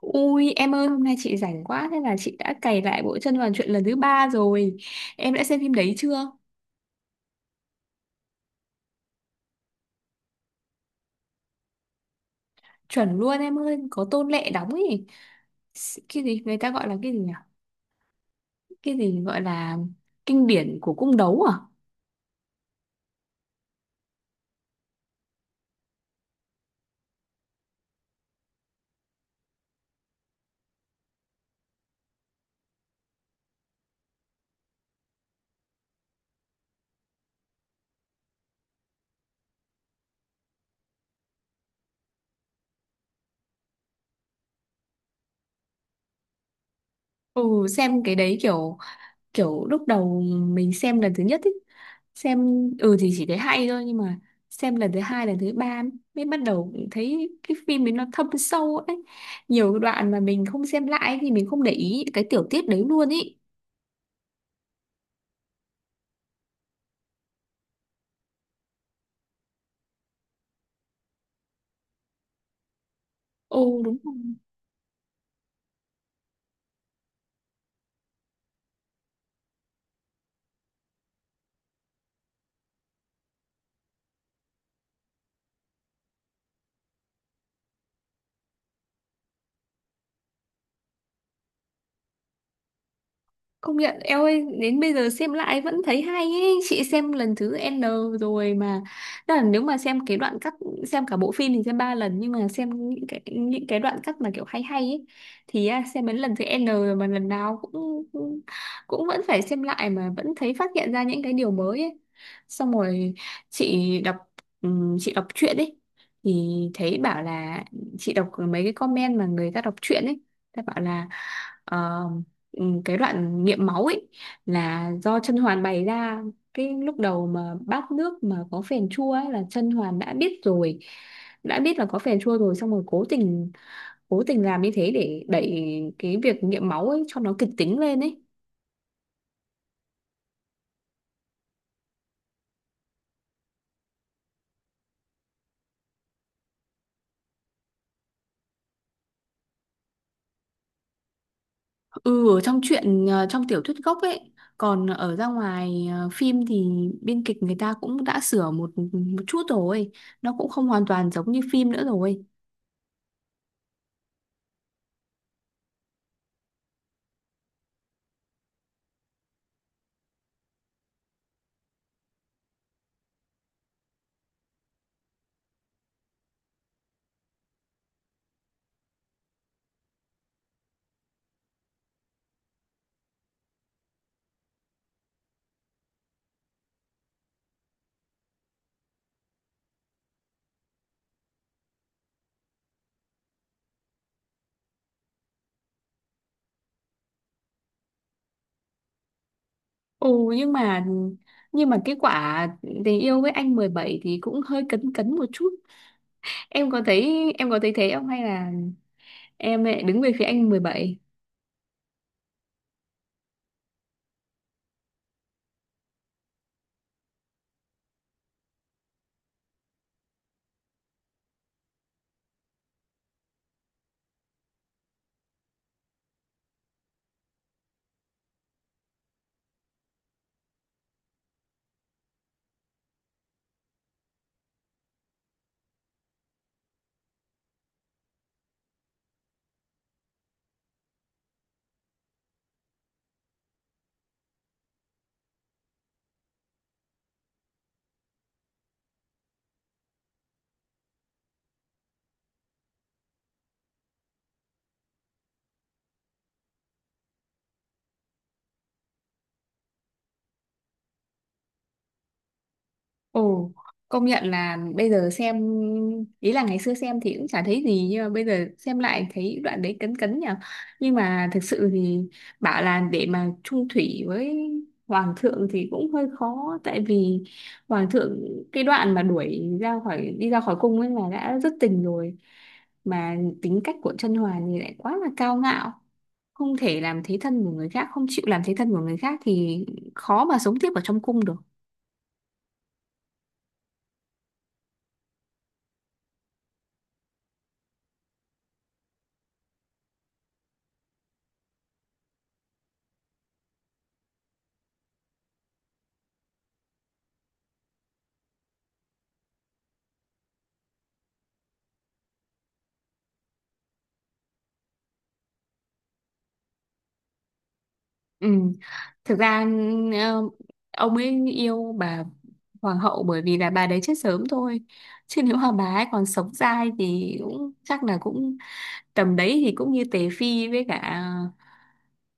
Ui em ơi, hôm nay chị rảnh quá. Thế là chị đã cày lại bộ Chân Đoàn Chuyện lần thứ ba rồi. Em đã xem phim đấy chưa? Chuẩn luôn em ơi, có Tôn Lệ đóng ấy. Cái gì người ta gọi là cái gì nhỉ? Cái gì gọi là kinh điển của cung đấu à? Ừ, xem cái đấy kiểu. Kiểu lúc đầu mình xem lần thứ nhất ấy, xem, ừ thì chỉ thấy hay thôi. Nhưng mà xem lần thứ hai, lần thứ ba mới bắt đầu cũng thấy cái phim ấy nó thâm sâu ấy. Nhiều đoạn mà mình không xem lại thì mình không để ý cái tiểu tiết đấy luôn ý. Ồ, đúng rồi. Công nhận, eo ơi, đến bây giờ xem lại vẫn thấy hay ấy. Chị xem lần thứ N rồi mà. Tức là nếu mà xem cái đoạn cắt, xem cả bộ phim thì xem ba lần, nhưng mà xem những cái đoạn cắt mà kiểu hay hay ấy thì xem đến lần thứ N rồi mà lần nào cũng cũng cũng vẫn phải xem lại mà vẫn thấy phát hiện ra những cái điều mới ấy. Xong rồi chị đọc, chị đọc truyện ấy thì thấy bảo là, chị đọc mấy cái comment mà người ta đọc truyện ấy, ta bảo là ờ, cái đoạn nghiệm máu ấy là do Chân Hoàn bày ra. Cái lúc đầu mà bát nước mà có phèn chua ấy là Chân Hoàn đã biết rồi, đã biết là có phèn chua rồi, xong rồi cố tình làm như thế để đẩy cái việc nghiệm máu ấy cho nó kịch tính lên ấy. Ừ, ở trong truyện, trong tiểu thuyết gốc ấy, còn ở ra ngoài phim thì biên kịch người ta cũng đã sửa một một chút rồi, nó cũng không hoàn toàn giống như phim nữa rồi. Ừ, nhưng mà nhưng mà cái quả tình yêu với anh mười bảy thì cũng hơi cấn cấn một chút. Em có thấy thế không, hay là em lại đứng về phía anh mười bảy? Ồ, công nhận là bây giờ xem, ý là ngày xưa xem thì cũng chả thấy gì, nhưng mà bây giờ xem lại thấy đoạn đấy cấn cấn nhỉ. Nhưng mà thực sự thì bảo là để mà chung thủy với hoàng thượng thì cũng hơi khó. Tại vì hoàng thượng, cái đoạn mà đuổi ra khỏi, đi ra khỏi cung ấy là đã rất tình rồi, mà tính cách của Chân Hoàn thì lại quá là cao ngạo, không thể làm thế thân của người khác, không chịu làm thế thân của người khác thì khó mà sống tiếp ở trong cung được. Ừ. Thực ra, ờ, ông ấy yêu bà hoàng hậu bởi vì là bà đấy chết sớm thôi. Chứ nếu mà bà ấy còn sống dai thì cũng chắc là cũng tầm đấy thì cũng như Tề Phi, với cả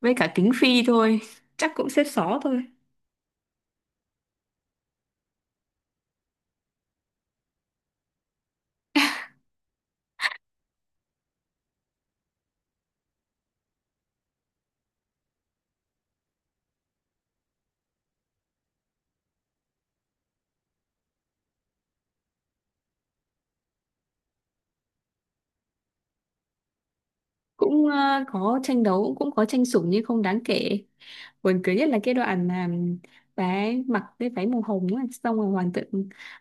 với cả Kính Phi thôi, chắc cũng xếp xó thôi. Cũng có tranh đấu, cũng có tranh sủng nhưng không đáng kể. Buồn cười nhất là cái đoạn mà bà ấy mặc cái váy màu hồng á, xong rồi hoàng tự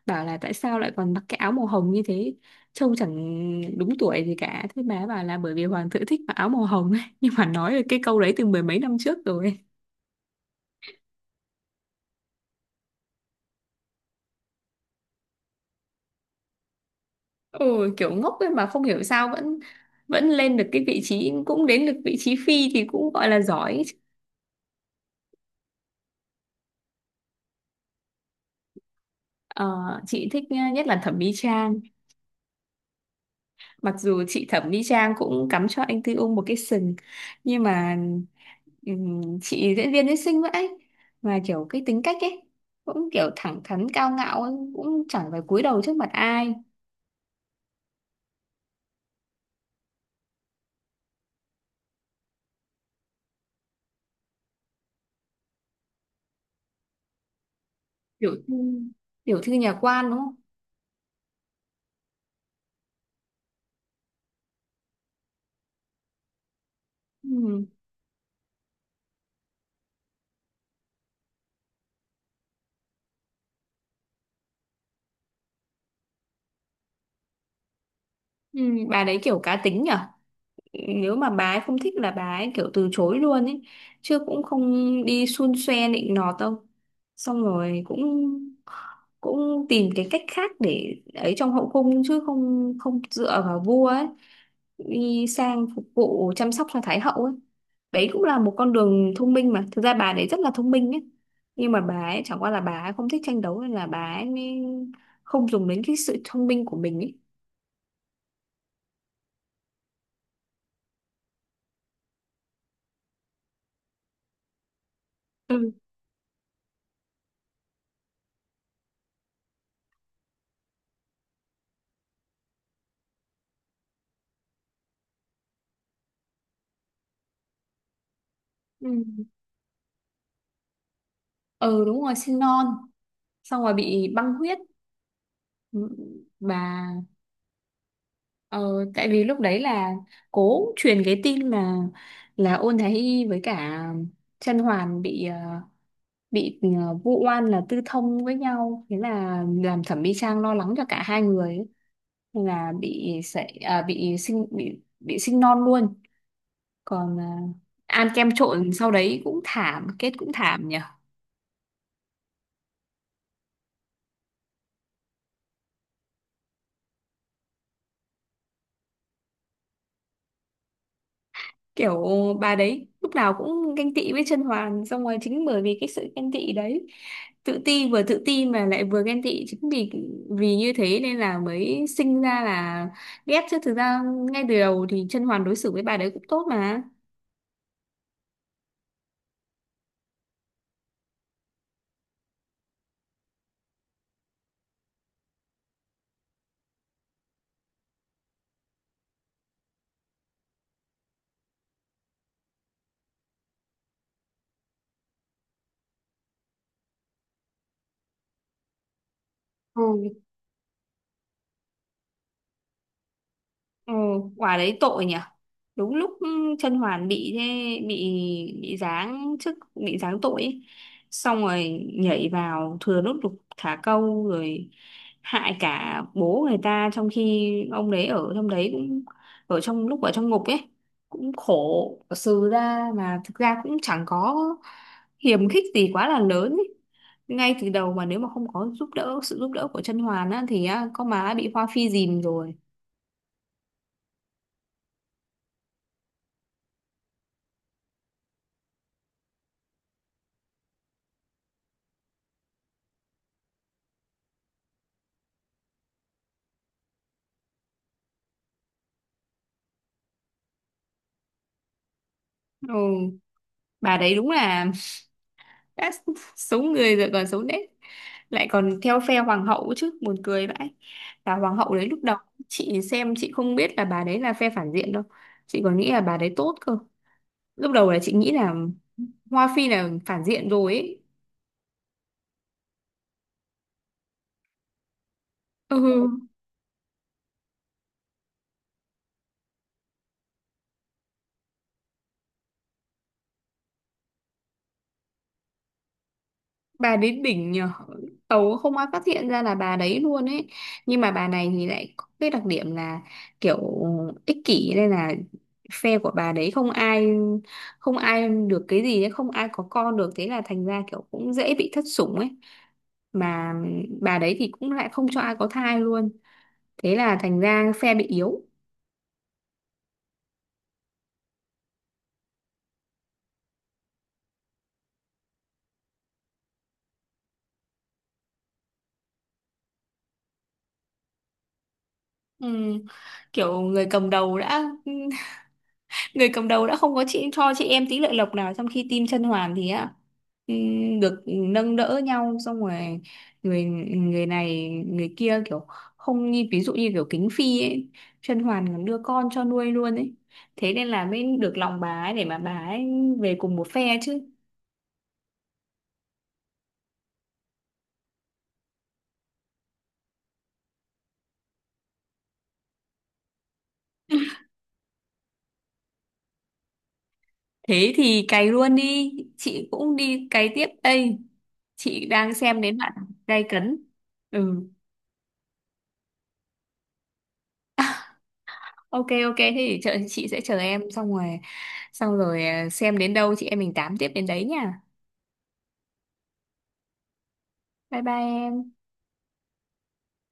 bảo là tại sao lại còn mặc cái áo màu hồng như thế, trông chẳng đúng tuổi gì cả. Thế bà ấy bảo là bởi vì hoàng tự thích mặc áo màu hồng ấy. Nhưng mà nói được cái câu đấy từ mười mấy năm trước rồi. Ừ, kiểu ngốc ấy mà không hiểu sao vẫn vẫn lên được cái vị trí, cũng đến được vị trí phi thì cũng gọi là giỏi. Ờ, chị thích, nhất là Thẩm Mỹ Trang. Mặc dù chị Thẩm Mỹ Trang cũng cắm cho anh Tư Ung một cái sừng, nhưng mà chị diễn viên ấy xinh vậy mà kiểu cái tính cách ấy cũng kiểu thẳng thắn, cao ngạo ấy, cũng chẳng phải cúi đầu trước mặt ai. Tiểu thư tiểu thư nhà quan đúng không? Ừm, bà đấy kiểu cá tính nhở. Nếu mà bà ấy không thích là bà ấy kiểu từ chối luôn ấy, chứ cũng không đi xun xoe nịnh nọt đâu. Xong rồi cũng cũng tìm cái cách khác để ấy trong hậu cung, chứ không không dựa vào vua ấy, đi sang phục vụ chăm sóc cho thái hậu ấy. Đấy cũng là một con đường thông minh, mà thực ra bà đấy rất là thông minh ấy. Nhưng mà bà ấy chẳng qua là bà ấy không thích tranh đấu nên là bà ấy mới không dùng đến cái sự thông minh của mình ấy. ừ ừ ừ, đúng rồi, sinh non xong rồi bị băng huyết. Ừ, bà. Ờ, tại vì lúc đấy là cố truyền cái tin mà là Ôn Thái Y với cả Chân Hoàn bị vu oan là tư thông với nhau, thế là làm Thẩm Mỹ Trang lo lắng cho cả hai người ấy. Nên là bị sảy, à, bị sinh non luôn. Còn ăn kem trộn sau đấy cũng thảm, kết cũng thảm nhỉ. Kiểu bà đấy lúc nào cũng ganh tị với Chân Hoàn, xong rồi chính bởi vì cái sự ganh tị đấy, tự ti, vừa tự ti mà lại vừa ghen tị, chính vì vì như thế nên là mới sinh ra là ghét. Chứ thực ra ngay từ đầu thì Chân Hoàn đối xử với bà đấy cũng tốt mà. Ừ. Ừ, quả đấy tội nhỉ. Đúng lúc Chân Hoàn bị thế, bị bị giáng chức, bị giáng tội ấy. Xong rồi nhảy vào thừa nước đục thả câu rồi hại cả bố người ta, trong khi ông đấy ở trong đấy cũng ở trong lúc ở trong ngục ấy cũng khổ sừ ra, mà thực ra cũng chẳng có hiềm khích gì quá là lớn ấy. Ngay từ đầu mà nếu mà không có giúp đỡ, sự giúp đỡ của Chân Hoàn á thì á, con má đã bị Hoa Phi dìm rồi. Ừ, bà đấy đúng là đã xấu người rồi còn xấu nết, lại còn theo phe hoàng hậu chứ, buồn cười vãi. Và hoàng hậu đấy, lúc đầu chị xem chị không biết là bà đấy là phe phản diện đâu, chị còn nghĩ là bà đấy tốt cơ. Lúc đầu là chị nghĩ là Hoa Phi là phản diện rồi ấy. Ừ, bà đến đỉnh nhờ, tàu không ai phát hiện ra là bà đấy luôn ấy. Nhưng mà bà này thì lại có cái đặc điểm là kiểu ích kỷ, nên là phe của bà đấy không ai được cái gì ấy, không ai có con được, thế là thành ra kiểu cũng dễ bị thất sủng ấy. Mà bà đấy thì cũng lại không cho ai có thai luôn, thế là thành ra phe bị yếu. Ừ. Kiểu người cầm đầu đã không có chị cho chị em tí lợi lộc nào, trong khi team Chân Hoàn thì á, được nâng đỡ nhau. Xong rồi người người này, người kia, kiểu không như ví dụ như kiểu Kính Phi ấy, Chân Hoàn còn đưa con cho nuôi luôn ấy, thế nên là mới được lòng bà ấy để mà bà ấy về cùng một phe chứ. Thế thì cày luôn đi, chị cũng đi cày tiếp đây. Chị đang xem đến bạn gay cấn. Ừ. OK, OK, thế thì chờ, chị sẽ chờ em. Xem đến đâu chị em mình tám tiếp đến đấy nha. Bye bye em.